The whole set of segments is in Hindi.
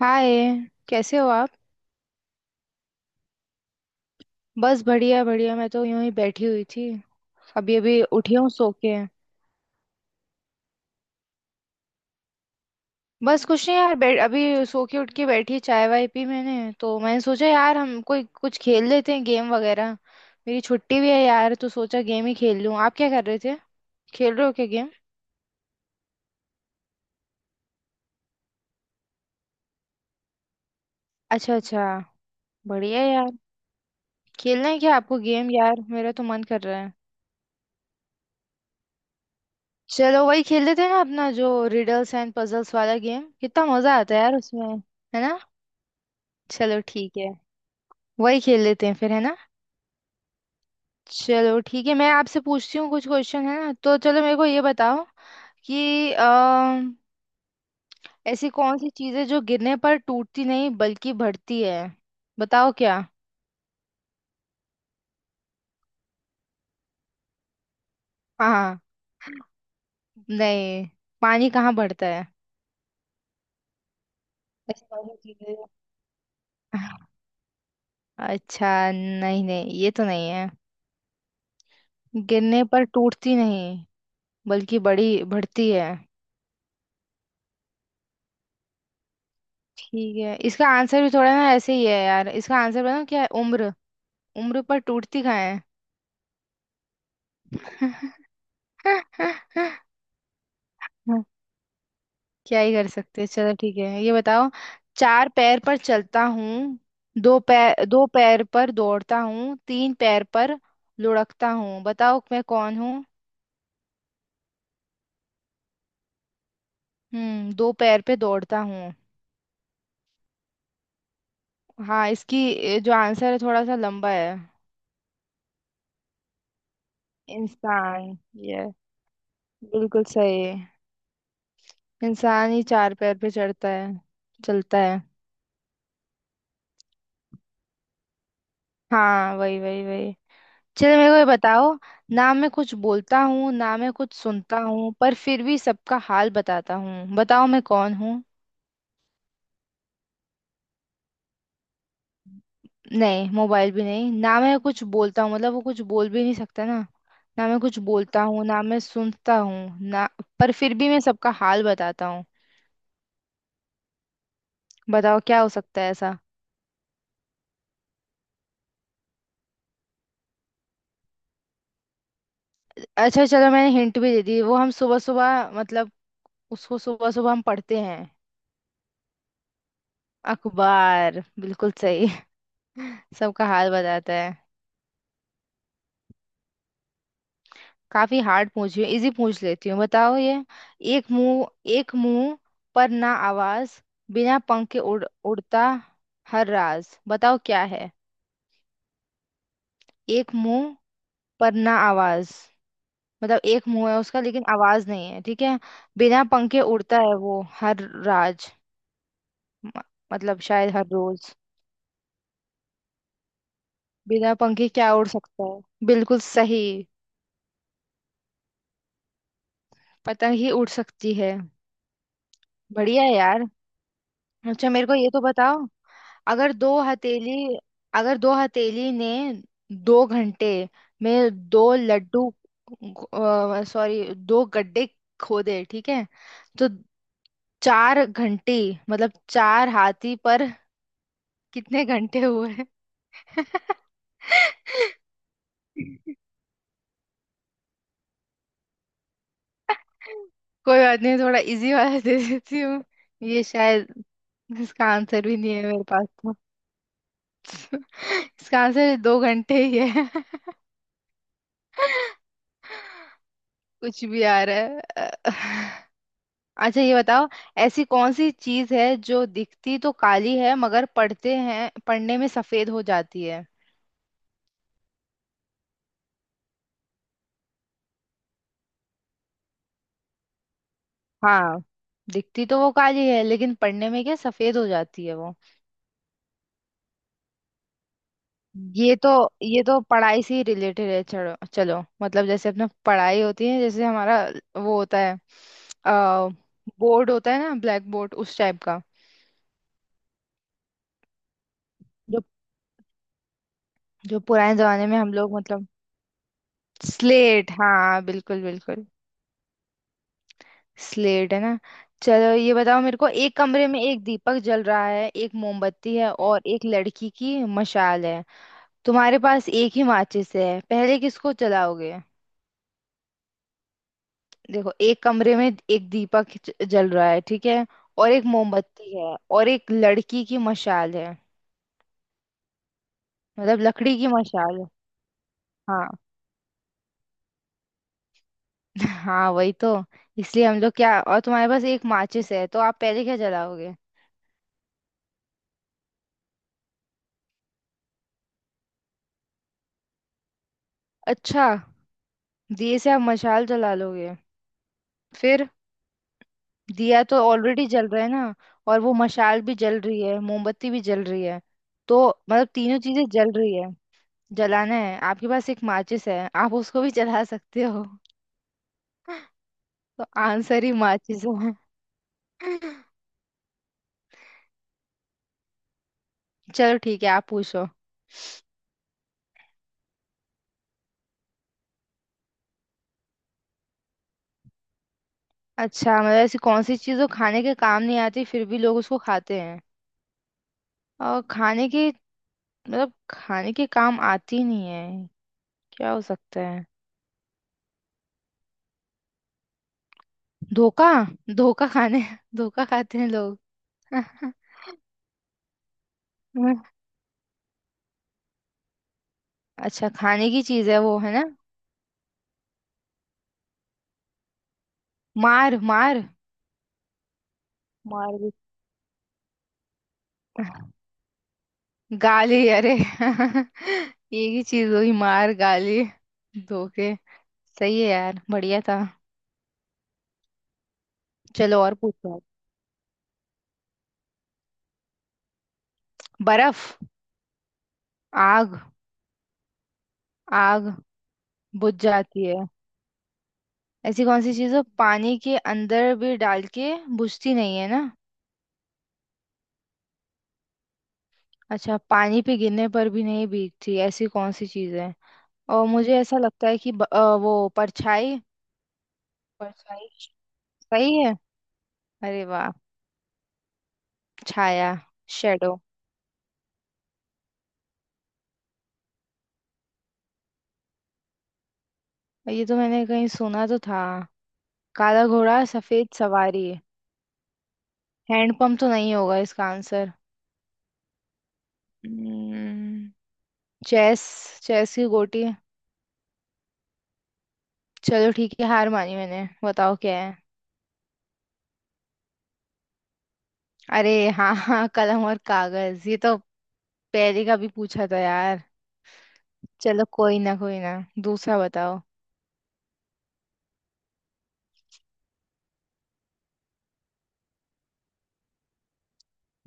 हाय। कैसे हो आप। बस बढ़िया बढ़िया, मैं तो यूं ही बैठी हुई थी। अभी अभी उठी हूँ सो के। बस कुछ नहीं यार, बैठ अभी सो के उठ के बैठी चाय वाय पी। मैंने सोचा यार, हम कोई कुछ खेल लेते हैं गेम वगैरह। मेरी छुट्टी भी है यार, तो सोचा गेम ही खेल लूँ। आप क्या कर रहे थे। खेल रहे हो क्या गेम। अच्छा अच्छा। बढ़िया यार। खेलना है क्या आपको गेम? यार मेरा तो मन कर रहा है। चलो वही खेल लेते हैं ना, अपना जो रिडल्स एंड पजल्स वाला गेम। कितना मजा आता है यार उसमें। है ना। चलो ठीक है। वही खेल लेते हैं फिर, है ना। चलो ठीक है, मैं आपसे पूछती हूँ कुछ क्वेश्चन है ना। तो चलो मेरे को ये बताओ कि ऐसी कौन सी चीज़ है जो गिरने पर टूटती नहीं बल्कि बढ़ती है। बताओ क्या। हाँ। नहीं। पानी कहाँ बढ़ता है। ऐसी कौन सी चीज़ है जो- अच्छा, नहीं नहीं, ये तो नहीं है। गिरने पर टूटती नहीं बल्कि बड़ी बढ़ती है। ठीक है, इसका आंसर भी थोड़ा ना ऐसे ही है यार। इसका आंसर बताओ क्या है। उम्र। उम्र पर टूटती कहाँ है। हाँ। क्या ही कर सकते हैं। चलो ठीक है, ये बताओ। चार पैर पर चलता हूँ, दो पैर पर दौड़ता हूँ, तीन पैर पर लुढ़कता हूँ। बताओ मैं कौन हूँ। दो पैर पे दौड़ता हूँ। हाँ, इसकी जो आंसर है थोड़ा सा लंबा है। इंसान। ये बिल्कुल सही है। इंसान ही चार पैर पे चढ़ता है। चलता है। हाँ, वही वही वही। चलो मेरे को ये बताओ। ना मैं कुछ बोलता हूँ, ना मैं कुछ सुनता हूँ, पर फिर भी सबका हाल बताता हूँ। बताओ मैं कौन हूँ। नहीं, मोबाइल भी नहीं। ना मैं कुछ बोलता हूँ मतलब, वो कुछ बोल भी नहीं सकता ना। ना मैं कुछ बोलता हूँ, ना मैं सुनता हूँ ना। पर फिर भी मैं सबका हाल बताता हूँ। बताओ क्या हो सकता है ऐसा। अच्छा चलो, मैंने हिंट भी दे दी। वो हम सुबह सुबह मतलब, उसको सुबह सुबह हम पढ़ते हैं। अखबार। बिल्कुल सही। सबका हाल बताता है। काफी हार्ड पूछ रही हूँ, इजी पूछ लेती हूँ। बताओ ये। एक मुंह, एक मुंह पर ना आवाज, बिना पंख के उड़ता हर राज। बताओ क्या है। एक मुंह पर ना आवाज। मतलब एक मुंह है उसका लेकिन आवाज नहीं है, ठीक है। बिना पंखे उड़ता है वो हर राज। म- मतलब शायद हर रोज। बिना पंखे क्या उड़ सकता है। बिल्कुल सही। पतंग ही उड़ सकती है। बढ़िया है यार। अच्छा, मेरे को ये तो बताओ। अगर दो हथेली अगर दो हथेली ने दो घंटे में दो लड्डू सॉरी दो गड्ढे खोदे, ठीक है। तो चार घंटी मतलब चार हाथी पर कितने घंटे हुए? कोई बात नहीं, थोड़ा इजी वाला दे देती हूँ। ये शायद इसका आंसर भी नहीं है मेरे पास तो। इसका आंसर दो घंटे ही है। कुछ भी आ रहा है। अच्छा ये बताओ। ऐसी कौन सी चीज है जो दिखती तो काली है मगर पढ़ते हैं पढ़ने में सफेद हो जाती है। हाँ, दिखती तो वो काली है लेकिन पढ़ने में क्या सफेद हो जाती है वो। ये तो ये तो पढ़ाई से ही रिलेटेड है। चलो चलो, मतलब जैसे अपना पढ़ाई होती है जैसे हमारा वो होता है। आ, बोर्ड होता है ना, ब्लैक बोर्ड उस टाइप का। जो जो पुराने जमाने में हम लोग मतलब, स्लेट। हाँ बिल्कुल बिल्कुल। स्लेट है ना। चलो ये बताओ मेरे को। एक कमरे में एक दीपक जल रहा है, एक मोमबत्ती है और एक लड़की की मशाल है। तुम्हारे पास एक ही माचिस है, पहले किसको जलाओगे। देखो, एक कमरे में एक दीपक जल रहा है, ठीक है। और एक मोमबत्ती है और एक लड़की की मशाल है। मतलब लकड़ी की मशाल है। हाँ। हाँ वही तो। इसलिए हम लोग क्या, और तुम्हारे पास एक माचिस है, तो आप पहले क्या जलाओगे। अच्छा, दिए से आप मशाल जला लोगे फिर। दिया तो ऑलरेडी जल रहा है ना। और वो मशाल भी जल रही है, मोमबत्ती भी जल रही है। तो मतलब तीनों चीजें जल रही है। जलाना है, आपके पास एक माचिस है, आप उसको भी जला सकते हो। तो आंसर ही माचिस है। चलो ठीक है, आप पूछो। अच्छा मतलब ऐसी कौन सी चीज़ जो खाने के काम नहीं आती फिर भी लोग उसको खाते हैं। और खाने के, मतलब खाने के काम आती नहीं है। क्या हो सकता है। धोखा। धोखा खाने, धोखा खाते हैं लोग। अच्छा खाने की चीज है वो, है ना। मार मार। मार भी। गाली, अरे एक ही चीज हुई मार गाली। धोखे। सही है यार, बढ़िया था। चलो और पूछो आप। बर्फ। आग आग। बुझ जाती है। ऐसी कौन सी चीज है पानी के अंदर भी डाल के बुझती नहीं है ना। अच्छा, पानी पे गिरने पर भी नहीं भीगती ऐसी कौन सी चीज है। और मुझे ऐसा लगता है कि वो परछाई। परछाई सही है। अरे वाह। छाया। शेडो। ये तो मैंने कहीं सुना तो था। काला घोड़ा सफेद सवारी। हैंडपंप तो नहीं होगा इसका आंसर। हम्म। चेस चेस की गोटी। चलो ठीक है, हार मानी मैंने, बताओ क्या है। अरे हाँ हाँ, कलम और कागज, ये तो पहले का भी पूछा था यार। चलो कोई ना कोई ना, दूसरा बताओ।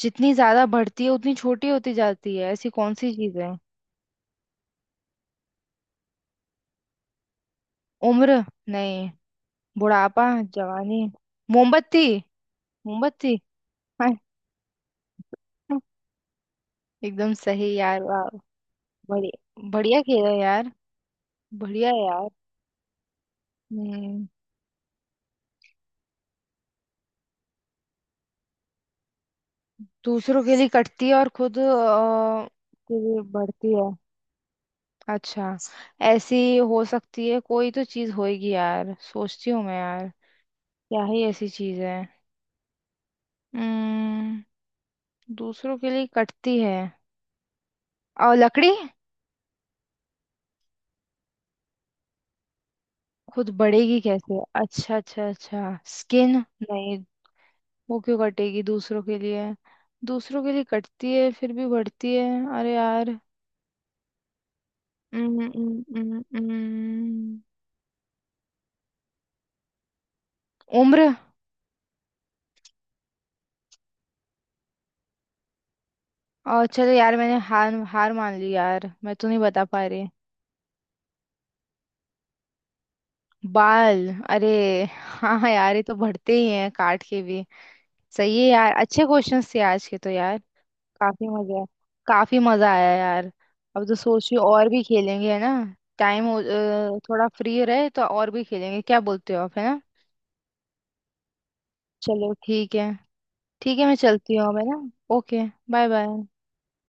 जितनी ज्यादा बढ़ती है उतनी छोटी होती जाती है, ऐसी कौन सी चीज है। उम्र। नहीं। बुढ़ापा। जवानी। मोमबत्ती। मोमबत्ती। एकदम सही यार, वाह। बढ़िया बढ़िया खेला यार। बढ़िया यार। हम्म। दूसरों के लिए कटती है और खुद के लिए बढ़ती है। अच्छा। ऐसी हो सकती है, कोई तो चीज होएगी यार, सोचती हूँ मैं यार। क्या ही ऐसी चीज है। हम्म। दूसरों के लिए कटती है, और लकड़ी। खुद बढ़ेगी कैसे? अच्छा अच्छा अच्छा, स्किन। नहीं। वो क्यों कटेगी दूसरों के लिए। दूसरों के लिए कटती है फिर भी बढ़ती है, अरे यार। हम्म, हम्म, हम्म, हम्म। उम्र। और चलो यार, मैंने हार हार मान ली यार, मैं तो नहीं बता पा रही। बाल? अरे हाँ हाँ यार, ये तो बढ़ते ही हैं काट के भी। सही है यार, अच्छे क्वेश्चंस थे आज के तो यार। काफी मजा काफी मजा आया यार। अब तो सोच रही हूँ और भी खेलेंगे, है ना। टाइम थोड़ा फ्री रहे तो और भी खेलेंगे, क्या बोलते हो आप, है ना। चलो ठीक है। ठीक है, मैं चलती हूँ अब, है ना। ओके। Bye bye.